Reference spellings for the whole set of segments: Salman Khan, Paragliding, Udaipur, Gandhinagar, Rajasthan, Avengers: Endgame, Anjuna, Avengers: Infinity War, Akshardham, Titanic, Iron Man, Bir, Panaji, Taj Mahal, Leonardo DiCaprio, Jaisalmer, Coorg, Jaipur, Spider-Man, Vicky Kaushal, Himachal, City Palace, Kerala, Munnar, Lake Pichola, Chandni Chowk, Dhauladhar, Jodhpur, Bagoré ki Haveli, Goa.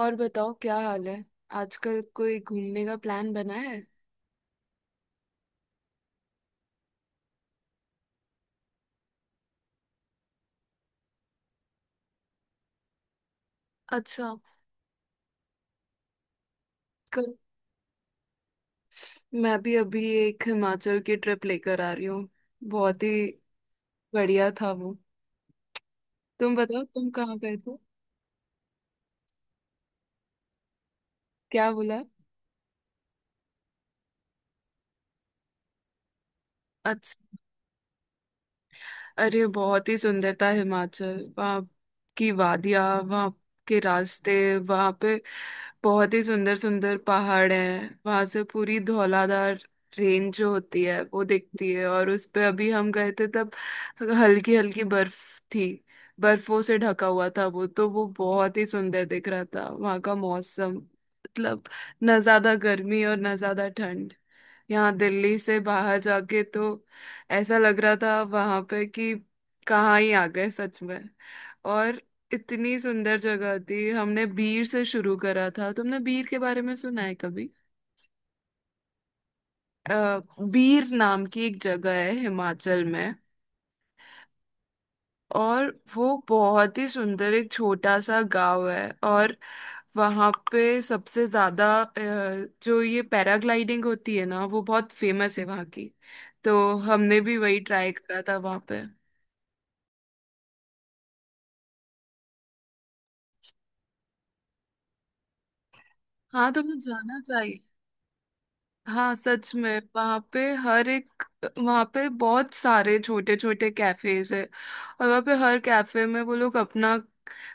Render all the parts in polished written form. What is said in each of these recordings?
और बताओ, क्या हाल है। आजकल कोई घूमने का प्लान बना है? अच्छा। कल मैं भी अभी एक हिमाचल की ट्रिप लेकर आ रही हूँ, बहुत ही बढ़िया था वो। तुम बताओ, तुम कहाँ गए थे? क्या बोला? अरे, बहुत ही सुंदर था हिमाचल। वहाँ की वादियाँ, वहाँ के रास्ते, वहाँ पे बहुत ही सुंदर सुंदर पहाड़ हैं। वहाँ से पूरी धौलाधार रेंज जो होती है वो दिखती है, और उस पे अभी हम गए थे तब हल्की हल्की बर्फ थी, बर्फों से ढका हुआ था वो तो। वो बहुत ही सुंदर दिख रहा था। वहाँ का मौसम मतलब ना ज्यादा गर्मी और ना ज्यादा ठंड। यहाँ दिल्ली से बाहर जाके तो ऐसा लग रहा था वहां पे कि कहाँ ही आ गए सच में। और इतनी सुंदर जगह थी। हमने बीर से शुरू करा था, तुमने बीर के बारे में सुना है कभी? अ, बीर नाम की एक जगह है हिमाचल में। और वो बहुत ही सुंदर एक छोटा सा गांव है, और वहाँ पे सबसे ज्यादा जो ये पैराग्लाइडिंग होती है ना वो बहुत फेमस है वहाँ की। तो हमने भी वही ट्राई करा था वहाँ पे। हाँ, तुम्हें जाना चाहिए। हाँ सच में। वहाँ पे हर एक। वहाँ पे बहुत सारे छोटे छोटे कैफेज है, और वहाँ पे हर कैफे में वो लोग अपना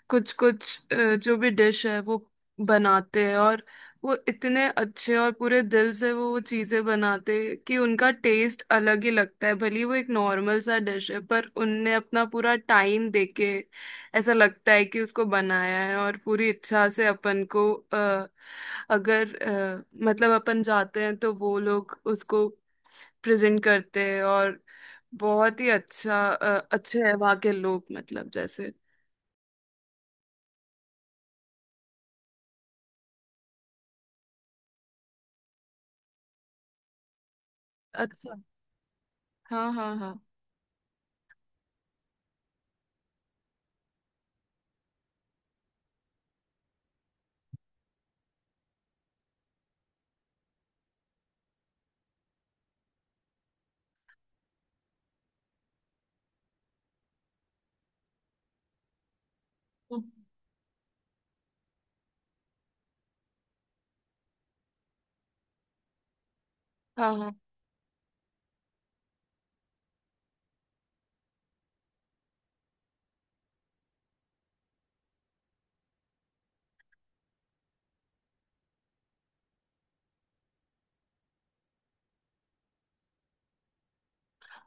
कुछ कुछ जो भी डिश है वो बनाते हैं। और वो इतने अच्छे और पूरे दिल से वो चीज़ें बनाते हैं कि उनका टेस्ट अलग ही लगता है, भले ही वो एक नॉर्मल सा डिश है पर उनने अपना पूरा टाइम देके ऐसा लगता है कि उसको बनाया है। और पूरी इच्छा से अपन को अगर मतलब अपन जाते हैं तो वो लोग उसको प्रेजेंट करते हैं। और बहुत ही अच्छा अच्छे है वहाँ के लोग, मतलब जैसे। अच्छा। हाँ हाँ हाँ। हम्म। हाँ हाँ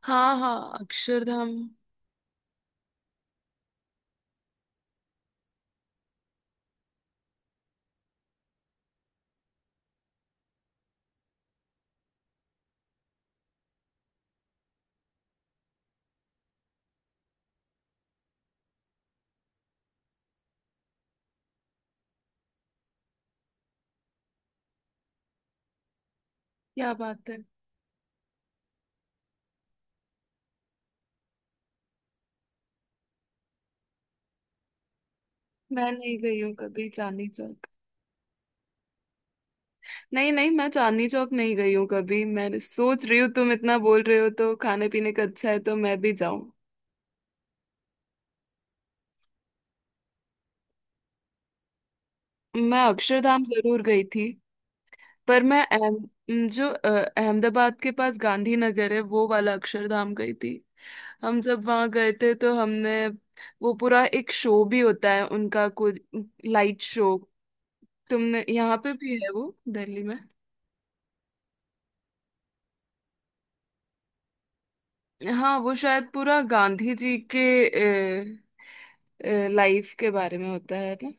हाँ। हाँ, अक्षरधाम। क्या बात है। मैं नहीं गई हूँ कभी चांदनी चौक। नहीं नहीं, मैं चांदनी चौक नहीं गई हूँ कभी। मैं सोच रही हूँ तुम इतना बोल रहे हो तो खाने पीने का अच्छा है, तो मैं भी जाऊँ। मैं अक्षरधाम जरूर गई थी। पर मैं जो अहमदाबाद के पास गांधीनगर है वो वाला अक्षरधाम गई थी। हम जब वहां गए थे तो हमने वो पूरा एक शो भी होता है उनका कुछ लाइट शो। तुमने यहाँ पे भी है वो दिल्ली में? हाँ, वो शायद पूरा गांधी जी के लाइफ के बारे में होता है ना?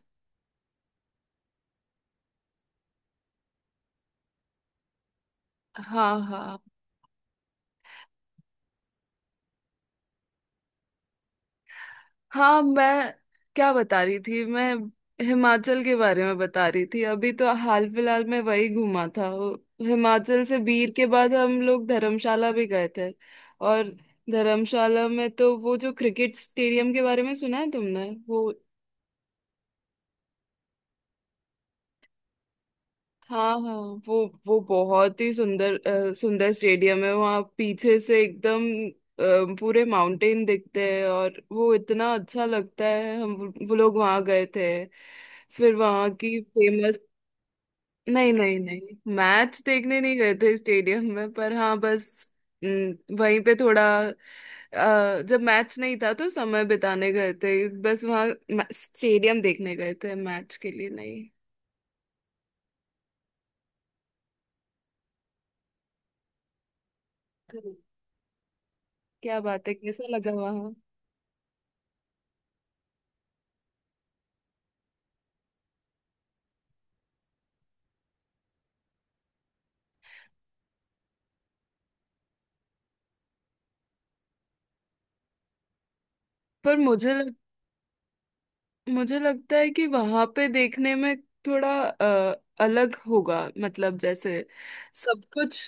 हाँ हाँ हाँ। मैं क्या बता रही थी? मैं हिमाचल के बारे में बता रही थी। अभी तो हाल फिलहाल में वही घूमा था। हिमाचल से बीर के बाद हम लोग धर्मशाला भी गए थे। और धर्मशाला में तो वो जो क्रिकेट स्टेडियम के बारे में सुना है तुमने वो? हाँ हाँ। वो बहुत ही सुंदर सुंदर स्टेडियम है। वहाँ पीछे से एकदम पूरे माउंटेन दिखते हैं, और वो इतना अच्छा लगता है। हम वो लोग वहाँ गए थे। फिर वहाँ की फेमस। नहीं नहीं नहीं, मैच देखने नहीं गए थे स्टेडियम में, पर हाँ बस वहीं पे थोड़ा जब मैच नहीं था तो समय बिताने गए थे बस वहाँ। स्टेडियम देखने गए थे, मैच के लिए नहीं। क्या बात है, कैसा लगा वहाँ? पर मुझे लगता है कि वहां पे देखने में थोड़ा अलग होगा, मतलब जैसे सब कुछ।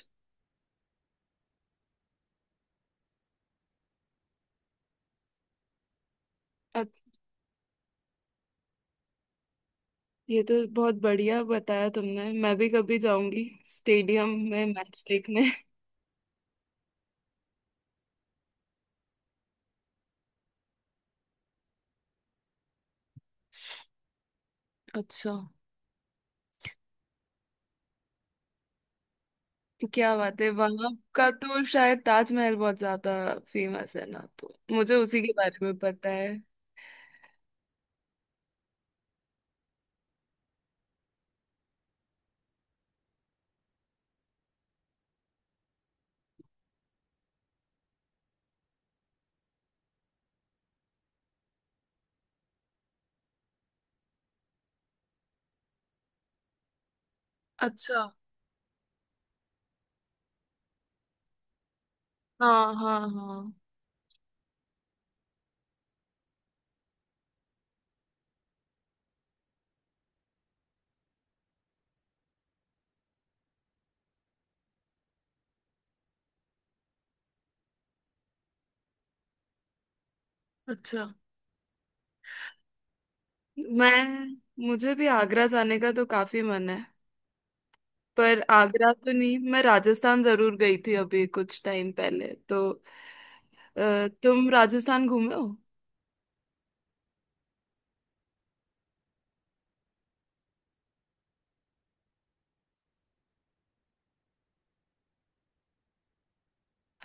अच- ये तो बहुत बढ़िया बताया तुमने, मैं भी कभी जाऊंगी स्टेडियम में मैच देखने। अच्छा। तो क्या बात है, वहां का तो शायद ताजमहल बहुत ज्यादा फेमस है ना, तो मुझे उसी के बारे में पता है। अच्छा। हाँ हाँ हाँ। अच्छा। मैं। मुझे भी आगरा जाने का तो काफी मन है। पर आगरा तो नहीं, मैं राजस्थान जरूर गई थी अभी कुछ टाइम पहले तो। तुम राजस्थान घूमे हो?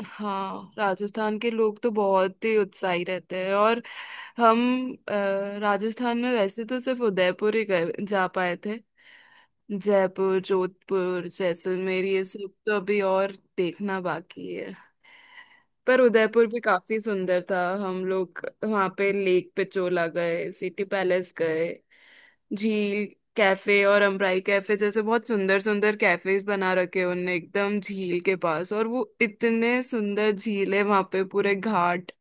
हाँ, राजस्थान के लोग तो बहुत ही उत्साही रहते हैं। और हम अ, राजस्थान में वैसे तो सिर्फ उदयपुर ही गए जा पाए थे, जयपुर, जोधपुर, जैसलमेर ये सब तो अभी और देखना बाकी है। पर उदयपुर भी काफी सुंदर था। हम लोग वहां पे लेक पिचोला गए, सिटी पैलेस गए, झील कैफे और अम्ब्राई कैफे जैसे बहुत सुंदर सुंदर कैफेज बना रखे उनने एकदम झील के पास। और वो इतने सुंदर झील है वहां पे, पूरे घाट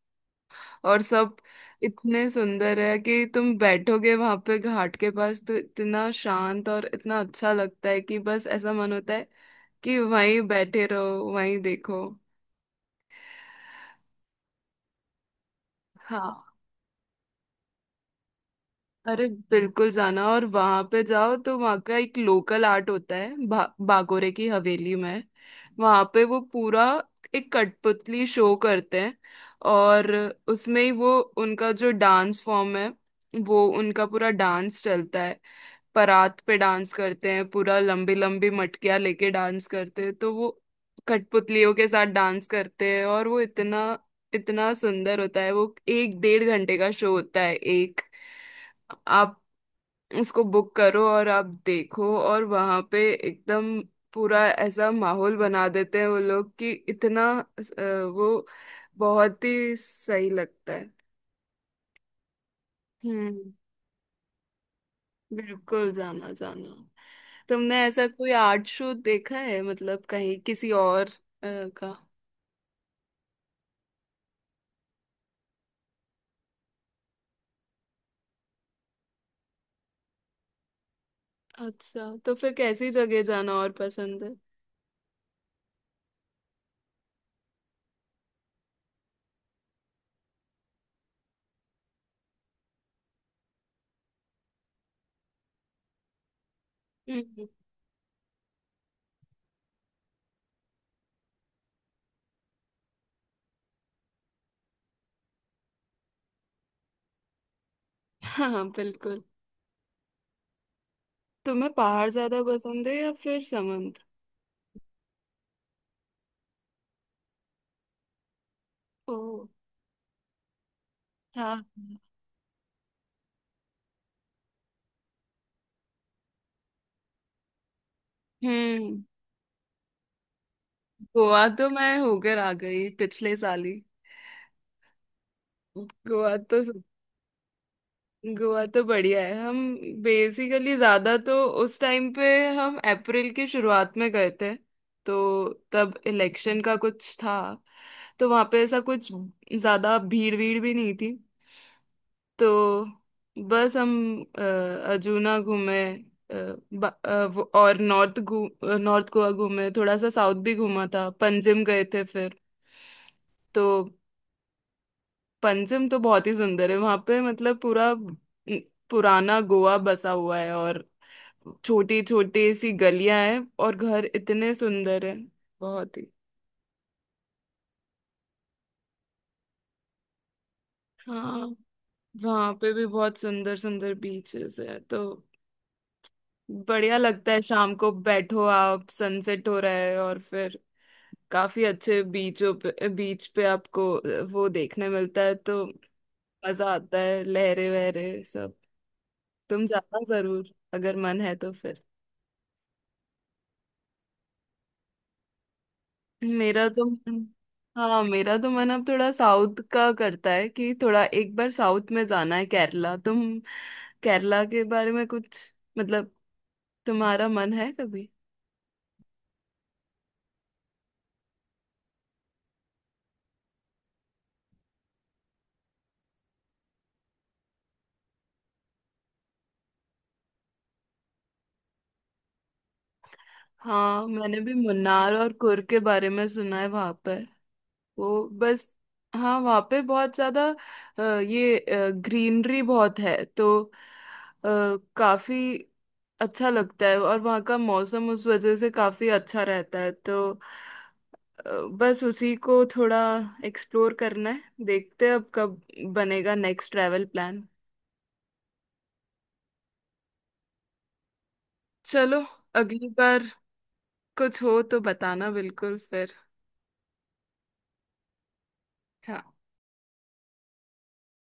और सब इतने सुंदर है कि तुम बैठोगे वहां पे घाट के पास तो इतना शांत और इतना अच्छा लगता है कि बस ऐसा मन होता है कि वहीं बैठे रहो, वहीं देखो। हाँ। अरे बिल्कुल जाना। और वहां पे जाओ तो वहां का एक लोकल आर्ट होता है बागोरे की हवेली में। वहां पे वो पूरा एक कठपुतली शो करते हैं, और उसमें ही वो उनका जो डांस फॉर्म है, वो उनका पूरा डांस चलता है। परात पे डांस करते हैं, पूरा लंबी लंबी मटकियां लेके डांस करते हैं, तो वो कठपुतलियों के साथ डांस करते हैं, और वो इतना इतना सुंदर होता है। वो एक 1.5 घंटे का शो होता है, एक आप उसको बुक करो और आप देखो, और वहां पे एकदम पूरा ऐसा माहौल बना देते हैं वो लोग कि इतना वो बहुत ही सही लगता है। हम्म। बिल्कुल जाना जाना। तुमने ऐसा कोई आर्ट शो देखा है, मतलब कहीं किसी और का? अच्छा, तो फिर कैसी जगह जाना और पसंद है? हम्म। हाँ हाँ, बिल्कुल। तुम्हें पहाड़ ज्यादा पसंद है या फिर समुद्र? ओ। हाँ। हम्म। गोवा तो मैं होकर आ गई पिछले साल ही। गोवा तो गोवा तो बढ़िया है। हम बेसिकली ज्यादा तो उस टाइम पे हम अप्रैल की शुरुआत में गए थे, तो तब इलेक्शन का कुछ था, तो वहां पे ऐसा कुछ ज्यादा भीड़ भीड़ भी नहीं थी। तो बस हम अ, अजूना घूमे, और नॉर्थ घू नॉर्थ गोवा घूमे। थोड़ा सा साउथ भी घूमा था, पंजिम गए थे फिर। तो पंचम तो बहुत ही सुंदर है वहां पे, मतलब पूरा पुराना गोवा बसा हुआ है, और छोटी छोटी सी गलियां हैं, और घर इतने सुंदर हैं बहुत ही। हाँ, वहां पे भी बहुत सुंदर सुंदर बीचेस है, तो बढ़िया लगता है शाम को बैठो, आप सनसेट हो रहा है और फिर काफी अच्छे बीचों पे, बीच पे आपको वो देखने मिलता है। तो मजा आता है लहरे वहरे सब। तुम जाना जरूर अगर मन है तो फिर। मेरा तो मन हाँ, मेरा तो मन अब थोड़ा साउथ का करता है कि थोड़ा एक बार साउथ में जाना है, केरला। तुम केरला के बारे में कुछ, मतलब तुम्हारा मन है कभी? हाँ, मैंने भी मुन्नार और कुर्ग के बारे में सुना है। वहां पर वो बस। हाँ, वहाँ पे बहुत ज्यादा ये ग्रीनरी बहुत है, तो काफी अच्छा लगता है, और वहाँ का मौसम उस वजह से काफी अच्छा रहता है। तो अ, बस उसी को थोड़ा एक्सप्लोर करना है, देखते हैं अब कब बनेगा नेक्स्ट ट्रैवल प्लान। चलो, अगली बार कुछ हो तो बताना बिल्कुल फिर। हाँ।